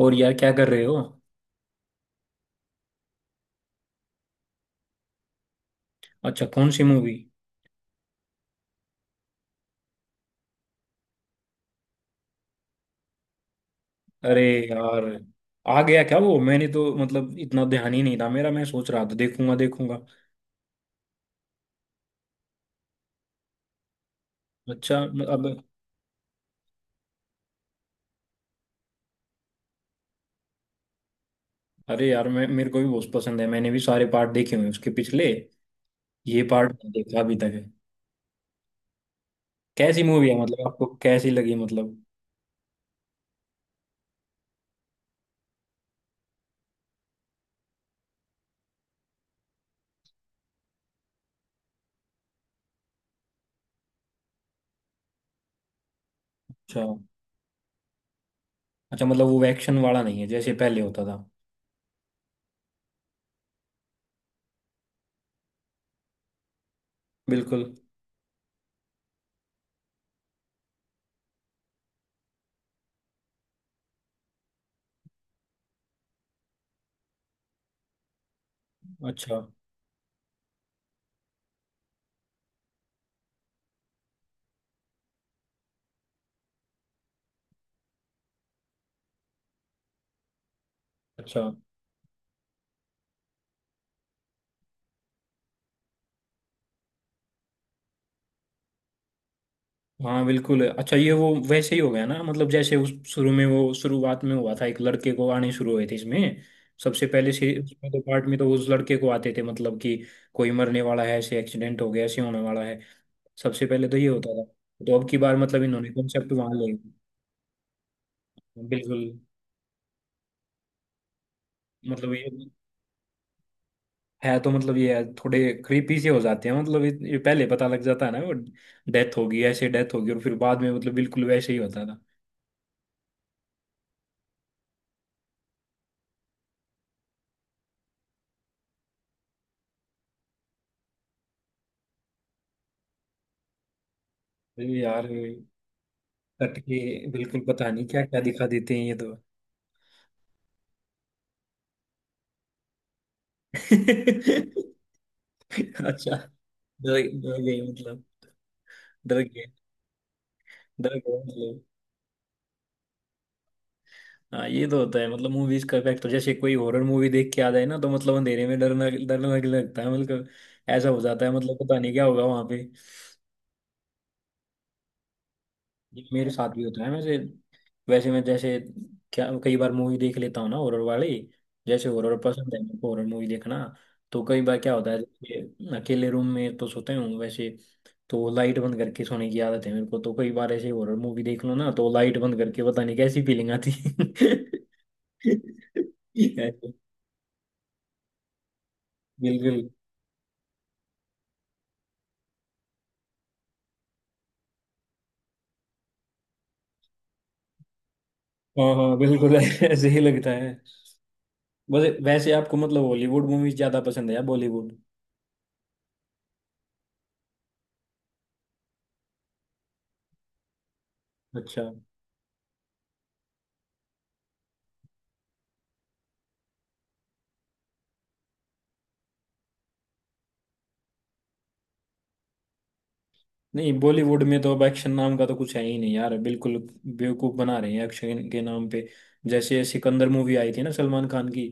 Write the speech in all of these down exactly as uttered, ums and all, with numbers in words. और यार, क्या कर रहे हो? अच्छा, कौन सी मूवी? अरे यार, आ गया क्या वो? मैंने तो मतलब इतना ध्यान ही नहीं था मेरा। मैं सोच रहा था देखूंगा देखूंगा। अच्छा। अब। अरे यार, मैं मेरे को भी बहुत पसंद है। मैंने भी सारे पार्ट देखे हुए हैं उसके पिछले। ये पार्ट नहीं देखा अभी तक है। कैसी मूवी है, मतलब आपको कैसी लगी मतलब? अच्छा। अच्छा मतलब वो एक्शन वाला नहीं है जैसे पहले होता था। बिल्कुल। अच्छा। अच्छा। हाँ बिल्कुल। अच्छा, ये वो वैसे ही हो गया ना, मतलब जैसे उस शुरू में वो शुरुआत में हुआ था, एक लड़के को आने शुरू हुए थे इसमें। सबसे पहले से उसमें तो पार्ट में तो उस लड़के को आते थे मतलब कि कोई मरने वाला है, ऐसे एक्सीडेंट हो गया, ऐसे होने वाला है। सबसे पहले तो ये होता था। तो अब की बार मतलब इन्होंने कॉन्सेप्ट वहां ले गए। बिल्कुल। मतलब ये है, तो मतलब ये है, थोड़े क्रीपी से हो जाते हैं, मतलब ये ये पहले पता लग जाता है ना वो, डेथ होगी ऐसे डेथ होगी और फिर बाद में मतलब बिल्कुल वैसे ही होता था। अरे यार। कट के। बिल्कुल पता नहीं क्या क्या दिखा देते हैं ये तो। अच्छा। डर डर गए मतलब? डर गए। डर गए मतलब? हाँ ये तो होता है मतलब मूवीज का इफेक्ट, जैसे कोई हॉरर मूवी देख के आ जाए ना, तो मतलब अंधेरे में डरना डरने लगता है मतलब। ऐसा हो जाता है मतलब, पता नहीं क्या होगा वहां पे। ये मेरे साथ भी होता है वैसे। वैसे मैं जैसे, क्या कई बार मूवी देख लेता हूँ ना हॉरर वाली। जैसे हॉरर पसंद है मेरे को, हॉरर मूवी देखना। तो कई बार क्या होता है जैसे अकेले रूम में तो सोते हूँ वैसे, तो लाइट बंद करके सोने की आदत है मेरे को, तो कई बार ऐसे हॉरर मूवी देख लो ना तो लाइट बंद करके पता नहीं कैसी फीलिंग आती ऐसे, बिल्कुल। हाँ हाँ बिल्कुल, ऐसे ही लगता है। वैसे वैसे आपको मतलब हॉलीवुड मूवीज ज्यादा पसंद है या बॉलीवुड? अच्छा। नहीं, बॉलीवुड में तो अब एक्शन नाम का तो कुछ है ही नहीं यार बिल्कुल। बेवकूफ बना रहे हैं एक्शन के नाम पे। जैसे सिकंदर मूवी आई थी ना सलमान खान की,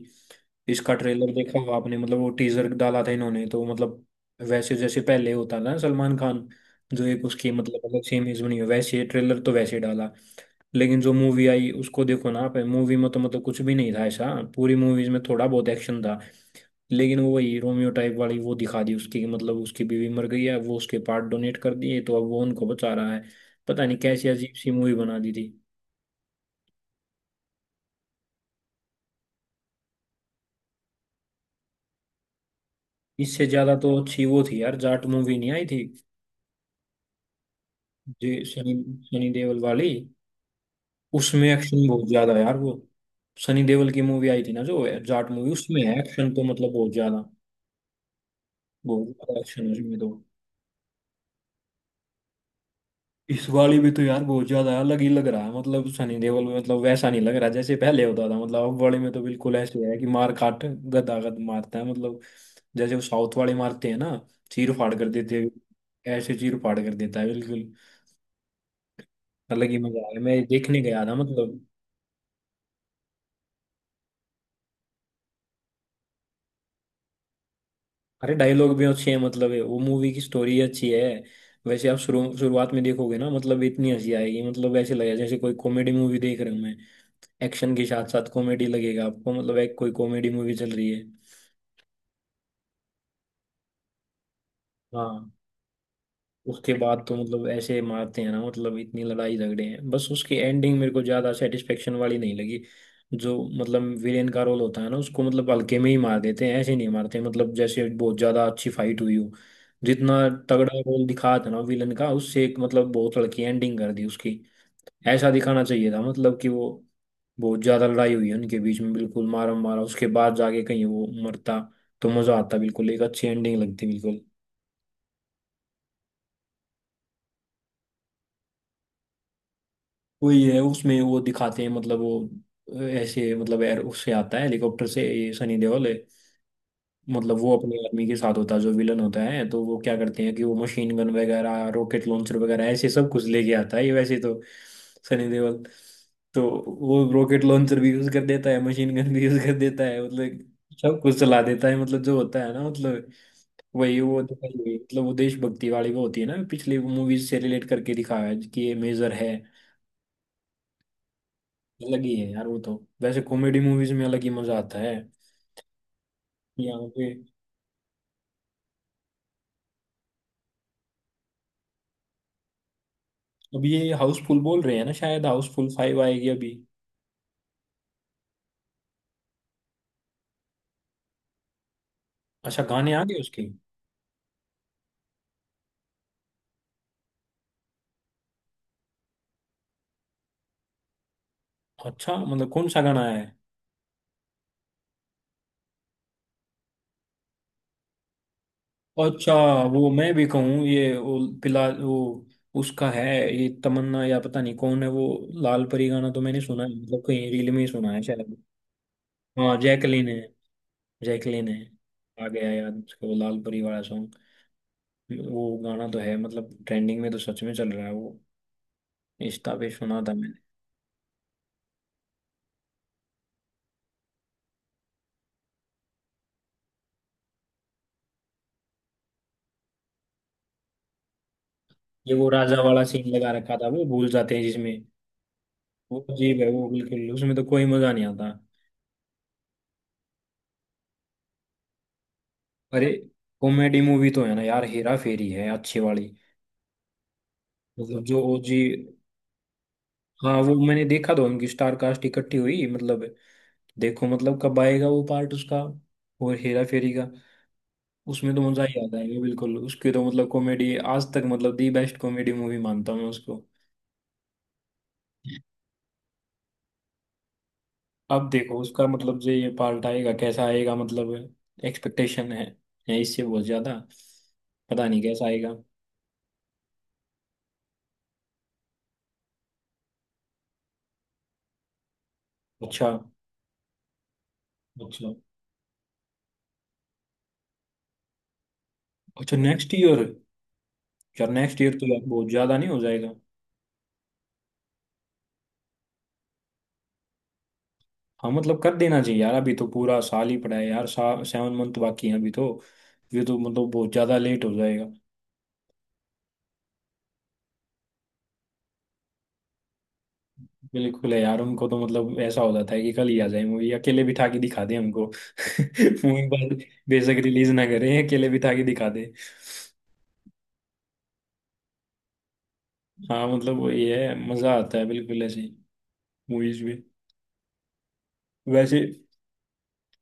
इसका ट्रेलर देखा होगा आपने, मतलब वो टीजर डाला था इन्होंने तो मतलब। वैसे जैसे पहले होता था ना सलमान खान, जो एक उसकी मतलब अलग सेम इमेज बनी हो वैसे, ट्रेलर तो वैसे डाला, लेकिन जो मूवी आई उसको देखो ना आप, मूवी में तो मतलब कुछ भी नहीं था ऐसा, पूरी मूवीज में थोड़ा बहुत एक्शन था, लेकिन वो वही रोमियो टाइप वाली वो दिखा दी उसकी कि मतलब उसकी बीवी मर गई है, वो उसके पार्ट डोनेट कर दिए तो अब वो उनको बचा रहा है। पता नहीं कैसी अजीब सी मूवी बना दी थी। इससे ज्यादा तो अच्छी वो थी यार, जाट मूवी नहीं आई थी, जे सनी, सनी देओल वाली। उसमें एक्शन बहुत ज्यादा है यार वो। सनी देओल की मूवी आई थी ना जो जाट मूवी, उसमें है एक्शन तो मतलब बहुत ज्यादा। बहुत ज्यादा एक्शन है उसमें तो। इस वाली भी तो यार बहुत ज्यादा अलग ही लग रहा है, मतलब सनी देओल में मतलब वैसा नहीं लग रहा जैसे पहले होता था, मतलब अब वाले में तो बिल्कुल ऐसे है कि मार काट, गदा गद मारता है मतलब। जैसे वो साउथ वाले मारते हैं ना, चीर फाड़ कर देते हैं। ऐसे चीर फाड़ कर देता है बिल्कुल। अलग ही मजा आया, मैं देखने गया था मतलब। अरे डायलॉग भी अच्छे हैं, मतलब है वो मूवी की स्टोरी अच्छी है। वैसे आप शुरू शुरुआत में देखोगे ना मतलब इतनी हंसी आएगी, मतलब ऐसे लगेगा जैसे कोई कॉमेडी मूवी देख रहा हूं मैं। एक्शन के साथ साथ कॉमेडी लगेगा आपको, मतलब एक कोई कॉमेडी मूवी चल रही है। हाँ। उसके बाद तो मतलब ऐसे मारते हैं ना, मतलब इतनी लड़ाई झगड़े हैं बस, उसकी एंडिंग मेरे को ज्यादा सेटिस्फेक्शन वाली नहीं लगी। जो मतलब विलेन का रोल होता है ना उसको मतलब हल्के में ही मार देते हैं, ऐसे नहीं मारते मतलब जैसे बहुत ज्यादा अच्छी फाइट हुई हो। जितना तगड़ा रोल दिखा था ना विलेन का, उससे एक मतलब बहुत हल्की एंडिंग कर दी उसकी। ऐसा दिखाना चाहिए था मतलब कि वो बहुत ज्यादा लड़ाई हुई है उनके बीच में बिल्कुल, मारा मारा उसके बाद जाके कहीं वो मरता तो मजा आता बिल्कुल, एक अच्छी एंडिंग लगती बिल्कुल। वही है उसमें वो दिखाते हैं मतलब वो, अ, ऐसे मतलब एयर उससे आता है हेलीकॉप्टर से, ये सनी देओल है, मतलब वो अपने आदमी के साथ होता है जो विलन होता है, तो वो क्या करते हैं कि वो मशीन गन वगैरह रॉकेट लॉन्चर वगैरह ऐसे सब कुछ लेके आता है, ये वैसे तो सनी देओल, तो वो रॉकेट लॉन्चर भी यूज कर देता है, मशीन गन भी यूज कर देता है, मतलब सब कुछ चला देता है मतलब जो होता है ना मतलब वही वो दिखाई हुई, मतलब वो देशभक्ति वाली वो होती है ना, पिछली मूवीज से रिलेट करके दिखाया है कि ये मेजर है। अलग ही है यार वो तो। वैसे कॉमेडी मूवीज में अलग ही मजा आता है यहाँ पे। अब ये हाउसफुल बोल रहे हैं ना, शायद हाउसफुल फाइव आएगी अभी। अच्छा, गाने आ गए उसके। अच्छा मतलब कौन सा गाना है? अच्छा, वो मैं भी कहूँ ये वो पिला वो उसका है, ये तमन्ना या पता नहीं कौन है वो। लाल परी गाना तो मैंने सुना है, मतलब कहीं रील में ही सुना है शायद। हाँ जैकलीन है। जैकलीन है। आ गया याद उसका, वो लाल परी वाला सॉन्ग। वो गाना तो है मतलब ट्रेंडिंग में तो सच में चल रहा है वो, इंस्टा पे सुना था। ये वो राजा वाला सीन लगा रखा था वो, भूल जाते हैं जिसमें वो, अजीब है वो बिल्कुल, उसमें तो कोई मजा नहीं आता। अरे कॉमेडी मूवी तो है ना यार, हेरा फेरी है अच्छी वाली, मतलब जो ओजी। हाँ वो मैंने देखा था, उनकी स्टार कास्ट इकट्ठी हुई मतलब। देखो मतलब कब आएगा वो पार्ट उसका और हेरा फेरी का। उसमें तो मजा ही आता है बिल्कुल, उसकी तो मतलब कॉमेडी आज तक मतलब दी बेस्ट कॉमेडी मूवी मानता हूँ मैं उसको। अब देखो उसका मतलब जो ये पार्ट आएगा कैसा आएगा मतलब। एक्सपेक्टेशन है, है इससे बहुत ज्यादा। पता नहीं कैसा आएगा। अच्छा। अच्छा। अच्छा नेक्स्ट ईयर? यार नेक्स्ट ईयर तो यार बहुत ज्यादा नहीं हो जाएगा? हाँ मतलब कर देना चाहिए यार, अभी तो पूरा साल ही पड़ा है यार, सा, सेवन मंथ बाकी है अभी तो। ये तो मतलब बहुत ज्यादा लेट हो जाएगा। बिल्कुल है यार, उनको तो मतलब ऐसा हो जाता है कि कल ही आ जाए मूवी, अकेले बिठा के दिखा दे हमको मूवी, बाद बेशक रिलीज ना करें, अकेले बिठा के दिखा दे। हाँ मतलब वही है, मजा आता है बिल्कुल ऐसे मूवीज में। वैसे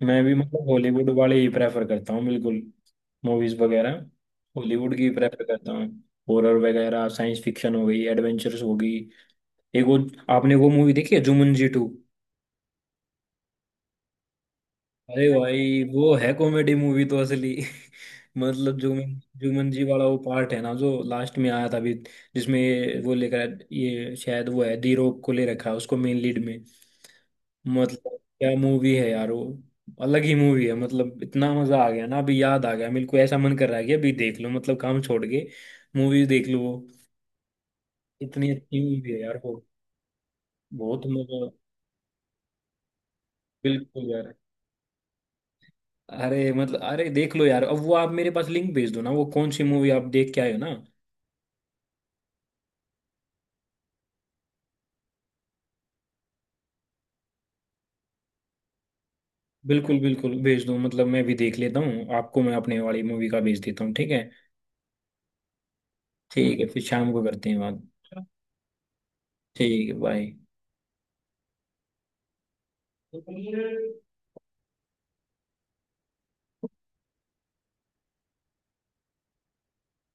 मैं भी मतलब हॉलीवुड वाले ही प्रेफर करता हूँ बिल्कुल, मूवीज वगैरह। हॉलीवुड की प्रेफर करता हूँ। हॉरर वगैरह, साइंस फिक्शन हो गई, एडवेंचर्स हो गई। एक वो, आपने वो मूवी देखी है जुमंजी टू? अरे भाई वो है कॉमेडी मूवी तो असली। मतलब जुमन जुमंजी वाला वो पार्ट है ना जो लास्ट में आया था अभी, जिसमें वो लेकर ये शायद वो है, दी रॉक को ले रखा है उसको मेन लीड में। मतलब क्या मूवी है यार वो, अलग ही मूवी है मतलब, इतना मजा आ गया ना अभी याद आ गया मेरे को, ऐसा मन कर रहा है कि अभी देख लो मतलब काम छोड़ के मूवी देख लो वो, इतनी अच्छी मूवी है यार वो। बहुत मजा, बिल्कुल यार। अरे मतलब अरे देख लो यार, अब वो आप मेरे पास लिंक भेज दो ना वो, कौन सी मूवी आप देख के आए हो ना। बिल्कुल बिल्कुल भेज दो, मतलब मैं भी देख लेता हूँ, आपको मैं अपने वाली मूवी का भेज देता हूँ ठीक है। ठीक है, फिर शाम को करते हैं बात। ठीक है। बाय।